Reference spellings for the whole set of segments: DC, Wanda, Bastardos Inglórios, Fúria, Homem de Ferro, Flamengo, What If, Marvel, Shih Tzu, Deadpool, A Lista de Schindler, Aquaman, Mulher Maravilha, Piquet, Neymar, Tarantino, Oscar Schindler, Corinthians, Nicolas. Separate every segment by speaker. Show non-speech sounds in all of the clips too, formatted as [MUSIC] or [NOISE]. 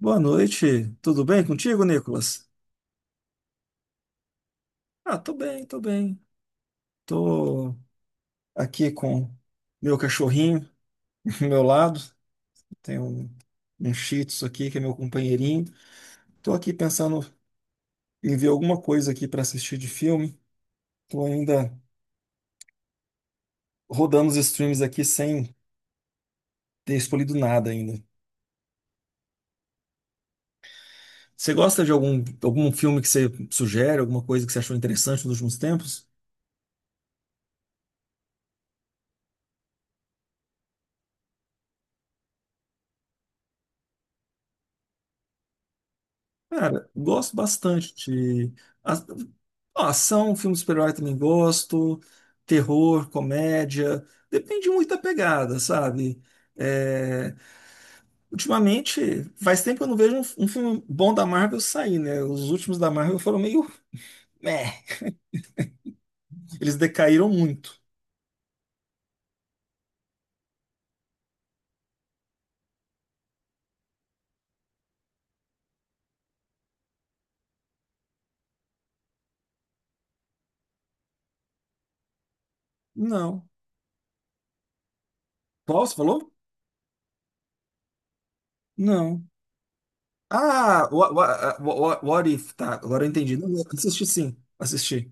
Speaker 1: Boa noite, tudo bem contigo, Nicolas? Ah, tô bem, tô bem. Tô aqui com meu cachorrinho [LAUGHS] do meu lado. Tem um Shih Tzu aqui, que é meu companheirinho. Tô aqui pensando em ver alguma coisa aqui para assistir de filme. Tô ainda rodando os streams aqui sem ter escolhido nada ainda. Você gosta de algum filme que você sugere, alguma coisa que você achou interessante nos últimos tempos? Cara, gosto bastante de a- ó, ação, filme de super-herói também gosto, terror, comédia, depende muito da pegada, sabe? É, ultimamente, faz tempo que eu não vejo um filme bom da Marvel sair, né? Os últimos da Marvel foram meio, [LAUGHS] meh, eles decaíram muito. Não. Qual você falou? Não. Ah, What If, tá, agora eu entendi. Não, eu assisti sim, assisti.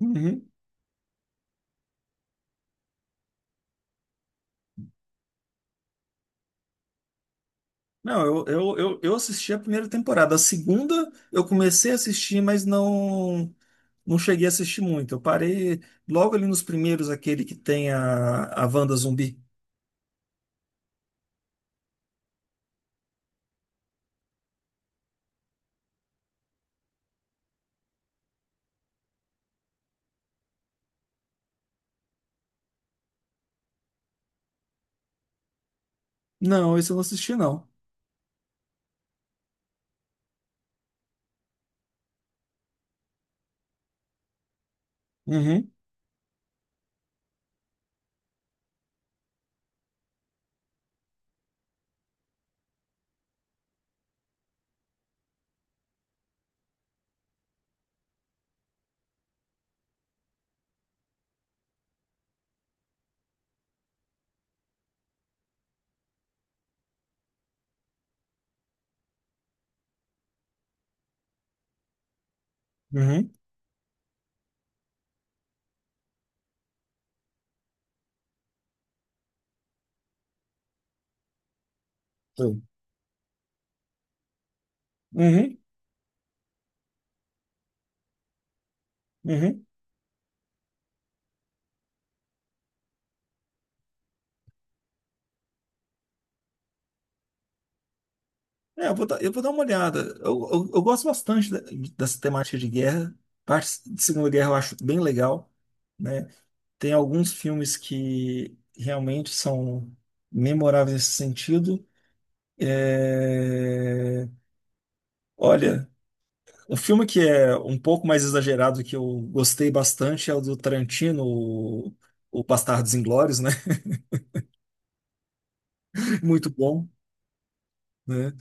Speaker 1: Uhum. Não, eu assisti a primeira temporada. A segunda eu comecei a assistir, mas não cheguei a assistir muito. Eu parei logo ali nos primeiros, aquele que tem a Wanda zumbi. Não, esse eu não assisti, não. Uhum, uhum. Sim. Uhum, uhum. É, eu vou dar uma olhada. Eu gosto bastante dessa temática de guerra. Parte de Segunda Guerra eu acho bem legal, né? Tem alguns filmes que realmente são memoráveis nesse sentido. É, olha, um filme que é um pouco mais exagerado que eu gostei bastante é o do Tarantino, o Bastardos Inglórios, né? [LAUGHS] Muito bom, né?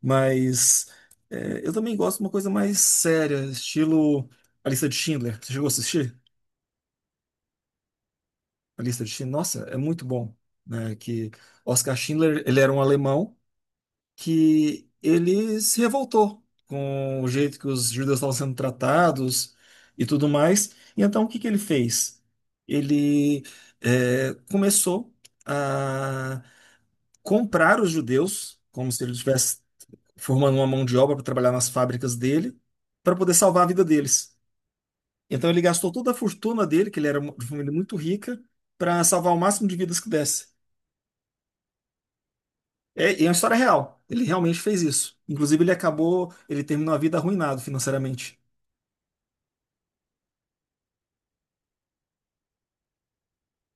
Speaker 1: Mas é, eu também gosto de uma coisa mais séria, estilo A Lista de Schindler. Você chegou a assistir? A Lista de Schindler? Nossa, é muito bom, né? Que Oscar Schindler, ele era um alemão que ele se revoltou com o jeito que os judeus estavam sendo tratados e tudo mais. E então o que que ele fez? Ele começou a comprar os judeus, como se ele estivesse formando uma mão de obra para trabalhar nas fábricas dele, para poder salvar a vida deles. Então ele gastou toda a fortuna dele, que ele era de família muito rica, para salvar o máximo de vidas que desse. É, e é uma história real. Ele realmente fez isso. Inclusive, ele acabou, ele terminou a vida arruinado financeiramente.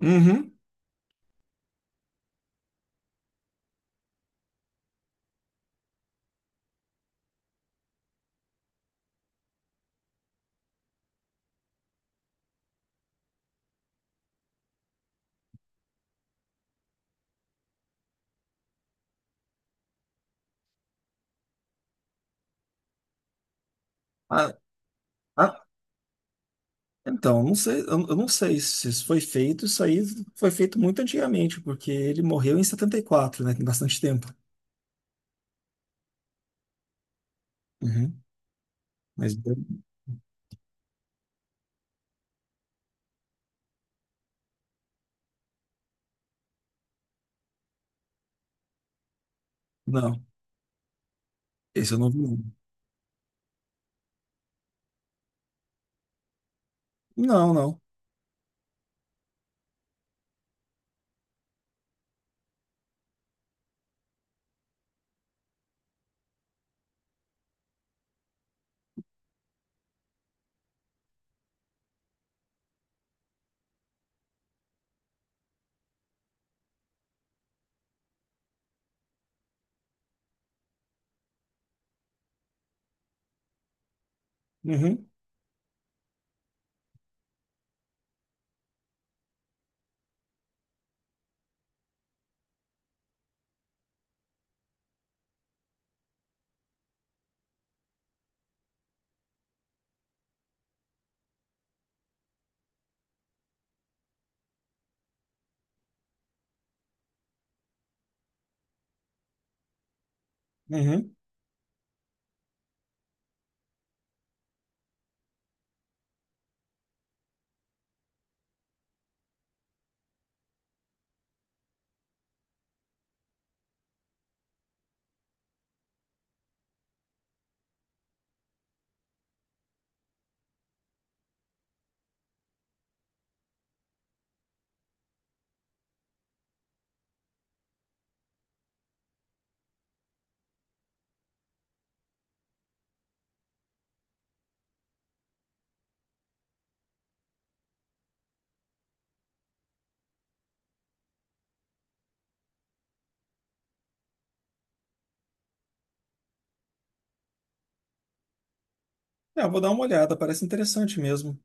Speaker 1: Uhum. Ah, ah, então, não sei, eu não sei se isso foi feito, isso aí foi feito muito antigamente, porque ele morreu em 74, né? Tem bastante tempo. Uhum. Mas não, esse eu não vi. Não, não, não. Uhum, uhum. É, eu vou dar uma olhada, parece interessante mesmo.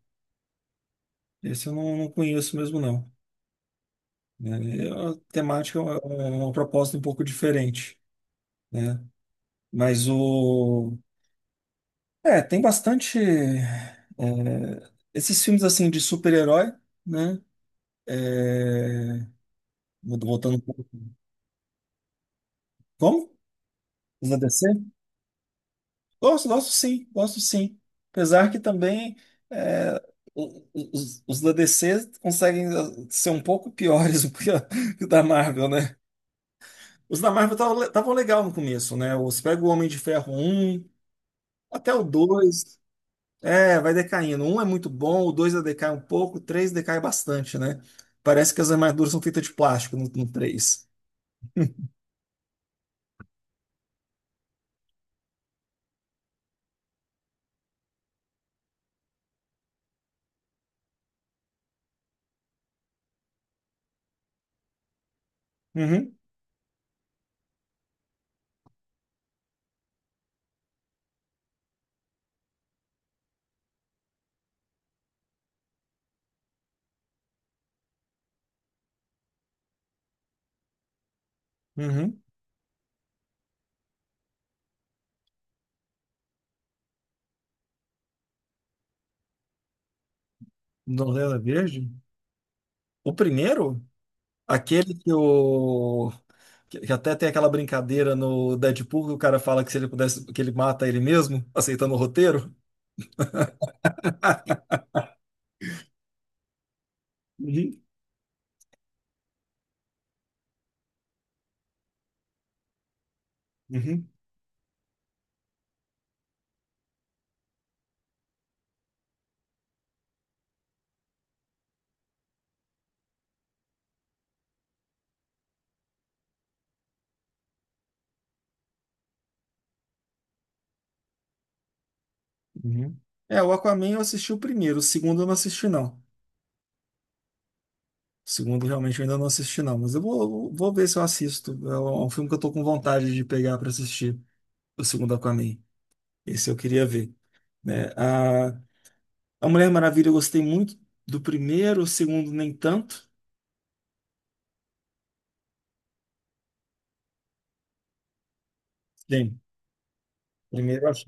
Speaker 1: Esse eu não conheço mesmo, não. Né? É, a temática é é uma proposta um pouco diferente, né? Mas o é, tem bastante. É, esses filmes assim de super-herói, né? É, voltando um pouco. Como? Os da DC? Gosto, gosto sim, gosto sim. Apesar que também é, os da DC conseguem ah, ser um pouco piores [LAUGHS] do que, que o da Marvel, né? Os da Marvel estavam legal no começo, né? Os pega o Homem de Ferro um até o dois. É, vai decaindo. Um é muito bom, o dois já decai um pouco, o três decai bastante, né? Parece que as armaduras são feitas de plástico no três. Uhum, uhum. Novela Verde? O primeiro? Aquele que o. Que que até tem aquela brincadeira no Deadpool que o cara fala que se ele pudesse, que ele mata ele mesmo, aceitando o roteiro. Uhum, uhum, uhum. É, o Aquaman eu assisti o primeiro, o segundo eu não assisti, não. O segundo, realmente, eu ainda não assisti, não. Mas vou ver se eu assisto. É é um filme que eu tô com vontade de pegar para assistir. O segundo Aquaman. Esse eu queria ver. Né? A Mulher Maravilha eu gostei muito do primeiro, o segundo nem tanto. Sim, primeiro eu acho.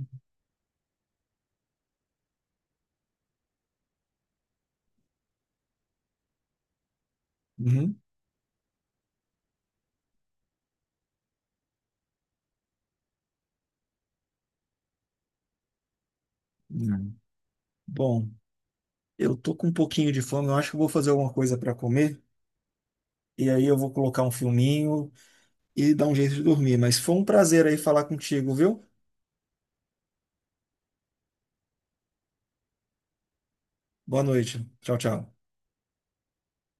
Speaker 1: Uhum. Uhum. Bom, eu tô com um pouquinho de fome, eu acho que eu vou fazer alguma coisa para comer. E aí eu vou colocar um filminho e dar um jeito de dormir. Mas foi um prazer aí falar contigo, viu? Boa noite. Tchau, tchau.